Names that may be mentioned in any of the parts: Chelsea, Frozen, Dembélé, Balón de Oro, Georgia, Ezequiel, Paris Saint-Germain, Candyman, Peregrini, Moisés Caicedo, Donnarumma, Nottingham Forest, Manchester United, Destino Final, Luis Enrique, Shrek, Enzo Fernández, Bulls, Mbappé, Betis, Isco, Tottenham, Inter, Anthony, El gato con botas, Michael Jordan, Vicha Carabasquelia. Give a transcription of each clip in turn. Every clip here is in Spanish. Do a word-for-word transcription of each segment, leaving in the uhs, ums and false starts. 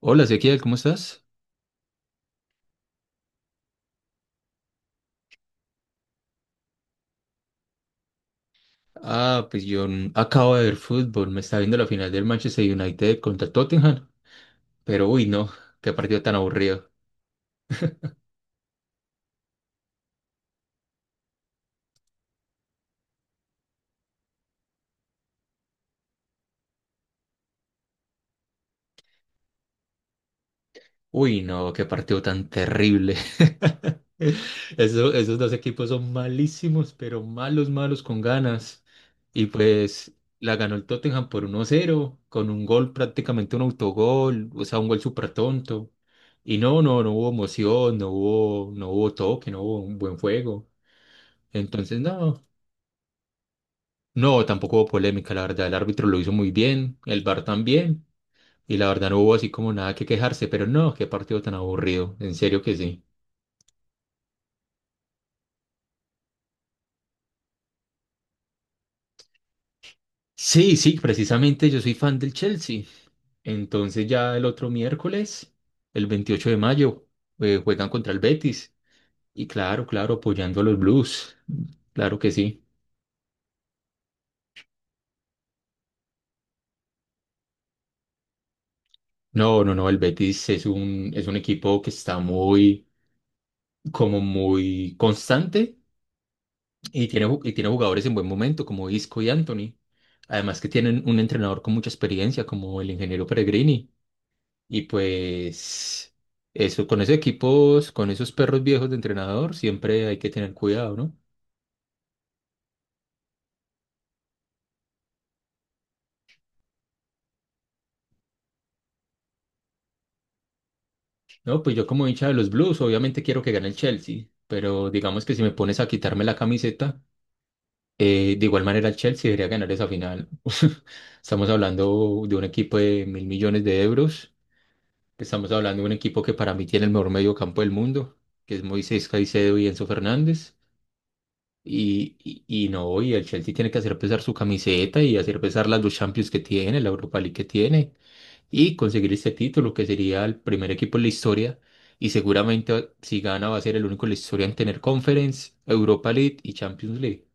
Hola, Ezequiel, ¿cómo estás? Ah, pues yo mm, acabo de ver fútbol, me está viendo la final del Manchester United contra Tottenham, pero uy, no, qué partido tan aburrido. Uy, no, qué partido tan terrible. Eso- esos dos equipos son malísimos, pero malos, malos con ganas. Y pues la ganó el Tottenham por uno cero con un gol prácticamente un autogol, o sea, un gol súper tonto. Y no, no, no hubo emoción, no hubo, no hubo toque, no hubo un buen juego. Entonces, no. No, tampoco hubo polémica, la verdad. El árbitro lo hizo muy bien, el VAR también. Y la verdad no hubo así como nada que quejarse, pero no, qué partido tan aburrido. En serio que sí. Sí, sí, precisamente yo soy fan del Chelsea. Entonces ya el otro miércoles, el veintiocho de mayo, eh, juegan contra el Betis. Y claro, claro, apoyando a los Blues. Claro que sí. No, no, no, el Betis es un, es un equipo que está muy, como muy constante. Y tiene, ju- y tiene jugadores en buen momento, como Isco y Anthony. Además que tienen un entrenador con mucha experiencia, como el ingeniero Peregrini. Y pues eso, con esos equipos, con esos perros viejos de entrenador, siempre hay que tener cuidado, ¿no? No, pues yo como hincha de los Blues, obviamente quiero que gane el Chelsea, pero digamos que si me pones a quitarme la camiseta, eh, de igual manera el Chelsea debería ganar esa final. Estamos hablando de un equipo de mil millones de euros. Estamos hablando de un equipo que para mí tiene el mejor medio campo del mundo, que es Moisés Caicedo y Enzo Fernández. Y, y, y no, y el Chelsea tiene que hacer pesar su camiseta y hacer pesar las dos Champions que tiene, la Europa League que tiene, y conseguir este título, que sería el primer equipo en la historia. Y seguramente si gana va a ser el único en la historia en tener Conference, Europa League y Champions League.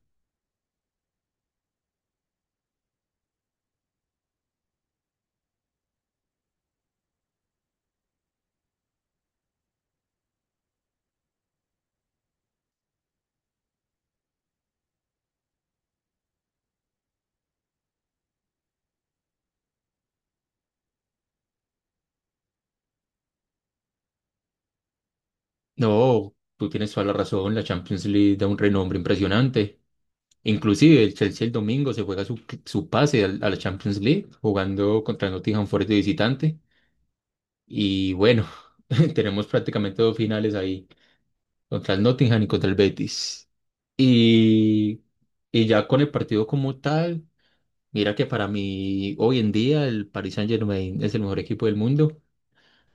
No, tú tienes toda la razón, la Champions League da un renombre impresionante. Inclusive el Chelsea el domingo se juega su, su pase al- a la Champions League jugando contra el Nottingham Forest de visitante. Y bueno, tenemos prácticamente dos finales ahí, contra el Nottingham y contra el Betis. Y, y ya con el partido como tal, mira que para mí hoy en día el Paris Saint-Germain es el mejor equipo del mundo.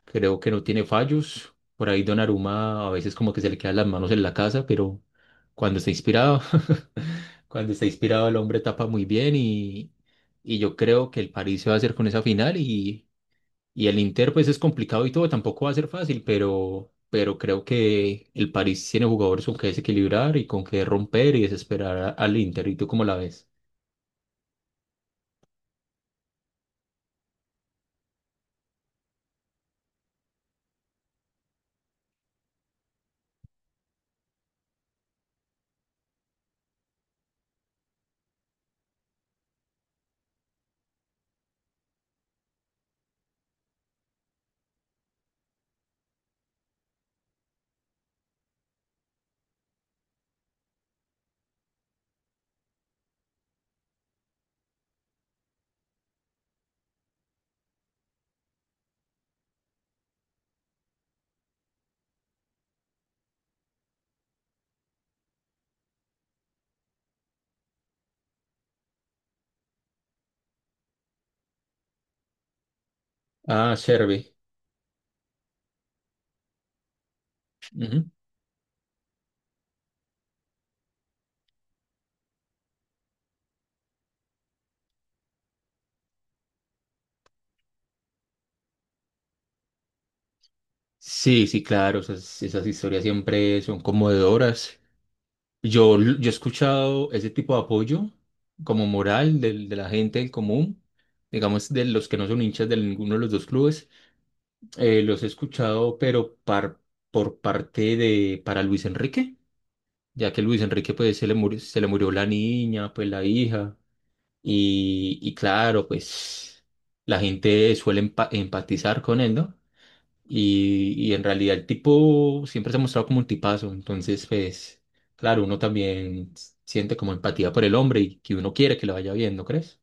Creo que no tiene fallos. Por ahí Donnarumma a veces como que se le quedan las manos en la casa, pero cuando está inspirado, cuando está inspirado el hombre tapa muy bien, y, y yo creo que el París se va a hacer con esa final, y, y el Inter pues es complicado y todo, tampoco va a ser fácil, pero, pero creo que el París tiene jugadores con que desequilibrar y con que romper y desesperar a- al Inter. ¿Y tú cómo la ves? Ah, Serve. Ujú. Sí, sí, claro, esas, esas historias siempre son conmovedoras. Yo, yo he escuchado ese tipo de apoyo como moral del- de, la gente del común, digamos de los que no son hinchas de ninguno de los dos clubes. Eh, los he escuchado, pero par- por parte de para Luis Enrique, ya que Luis Enrique pues se le murió, se le murió la niña, pues la hija, y, y claro, pues la gente suele empa- empatizar con él, ¿no? Y, y en realidad el tipo siempre se ha mostrado como un tipazo, entonces pues claro, uno también s- siente como empatía por el hombre y que uno quiere que le vaya bien, ¿no crees?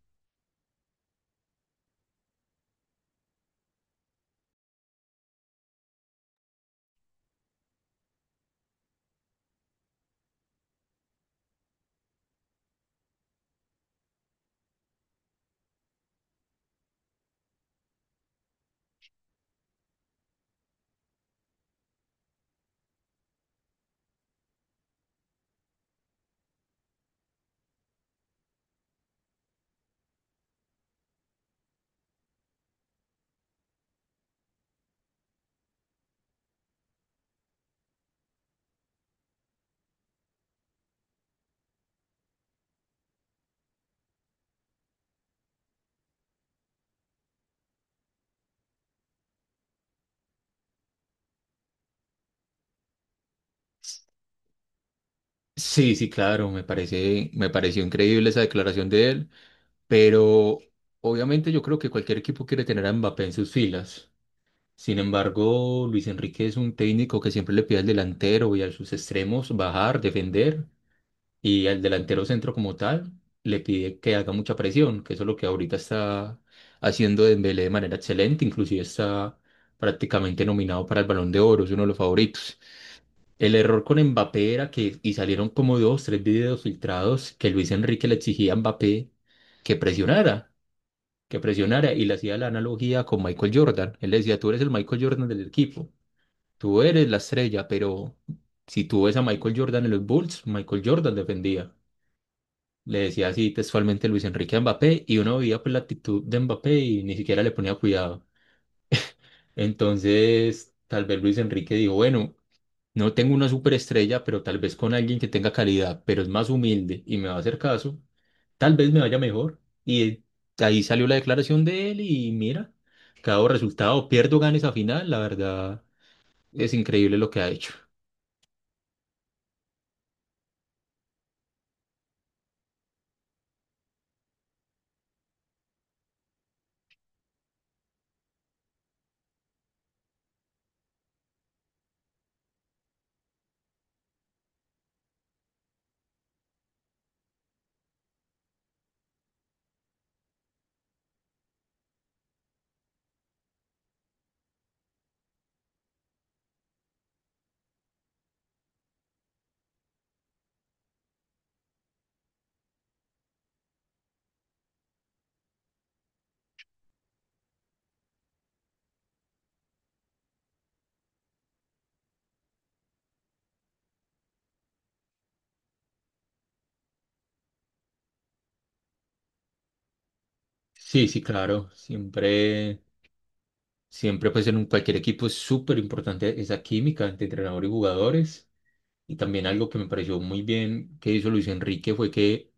Sí, sí, claro, me parece, me pareció increíble esa declaración de él, pero obviamente yo creo que cualquier equipo quiere tener a Mbappé en sus filas. Sin embargo, Luis Enrique es un técnico que siempre le pide al delantero y a sus extremos bajar, defender, y al delantero centro como tal le pide que haga mucha presión, que eso es lo que ahorita está haciendo Dembélé de manera excelente, inclusive está prácticamente nominado para el Balón de Oro, es uno de los favoritos. El error con Mbappé era que, y salieron como dos, tres videos filtrados, que Luis Enrique le exigía a Mbappé que presionara, que presionara, y le hacía la analogía con Michael Jordan. Él le decía, tú eres el Michael Jordan del equipo, tú eres la estrella, pero si tú ves a Michael Jordan en los Bulls, Michael Jordan defendía. Le decía así textualmente Luis Enrique a Mbappé, y uno veía pues la actitud de Mbappé y ni siquiera le ponía cuidado. Entonces, tal vez Luis Enrique dijo, bueno, no tengo una superestrella, pero tal vez con alguien que tenga calidad, pero es más humilde y me va a hacer caso, tal vez me vaya mejor. Y de ahí salió la declaración de él y mira, cada resultado, pierdo, gane esa final, la verdad es increíble lo que ha hecho. Sí, sí, claro. Siempre Siempre, pues, en un- cualquier equipo es súper importante esa química entre entrenador y jugadores. Y también algo que me pareció muy bien que hizo Luis Enrique fue que,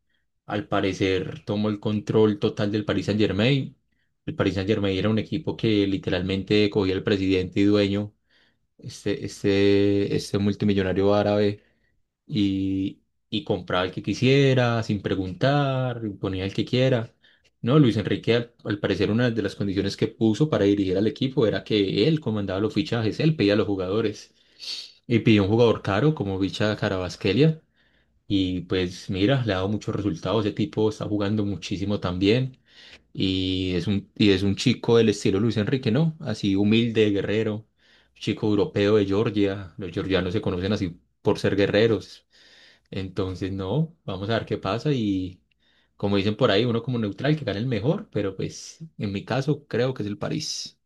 al parecer, tomó el control total del Paris Saint-Germain. El Paris Saint-Germain era un equipo que literalmente cogía el presidente y dueño, este, este, este multimillonario árabe, y, y compraba el que quisiera, sin preguntar, ponía el que quiera. No, Luis Enrique, al, al parecer, una de las condiciones que puso para dirigir al equipo era que él comandaba los fichajes, él pedía a los jugadores, y pidió un jugador caro como Vicha Carabasquelia. Y pues mira, le ha dado muchos resultados. Ese tipo está jugando muchísimo también. Y es un, y es un chico del estilo Luis Enrique, ¿no? Así humilde, guerrero, chico europeo de Georgia. Los georgianos se conocen así por ser guerreros, entonces, no, vamos a ver qué pasa y, como dicen por ahí, uno como neutral que gane el mejor, pero pues en mi caso creo que es el París.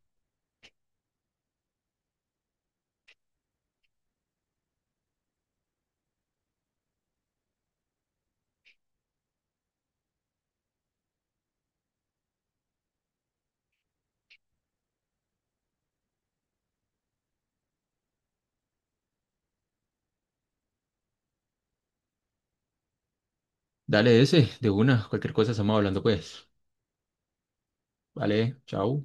Dale ese, de una, cualquier cosa estamos hablando pues. Vale, chao.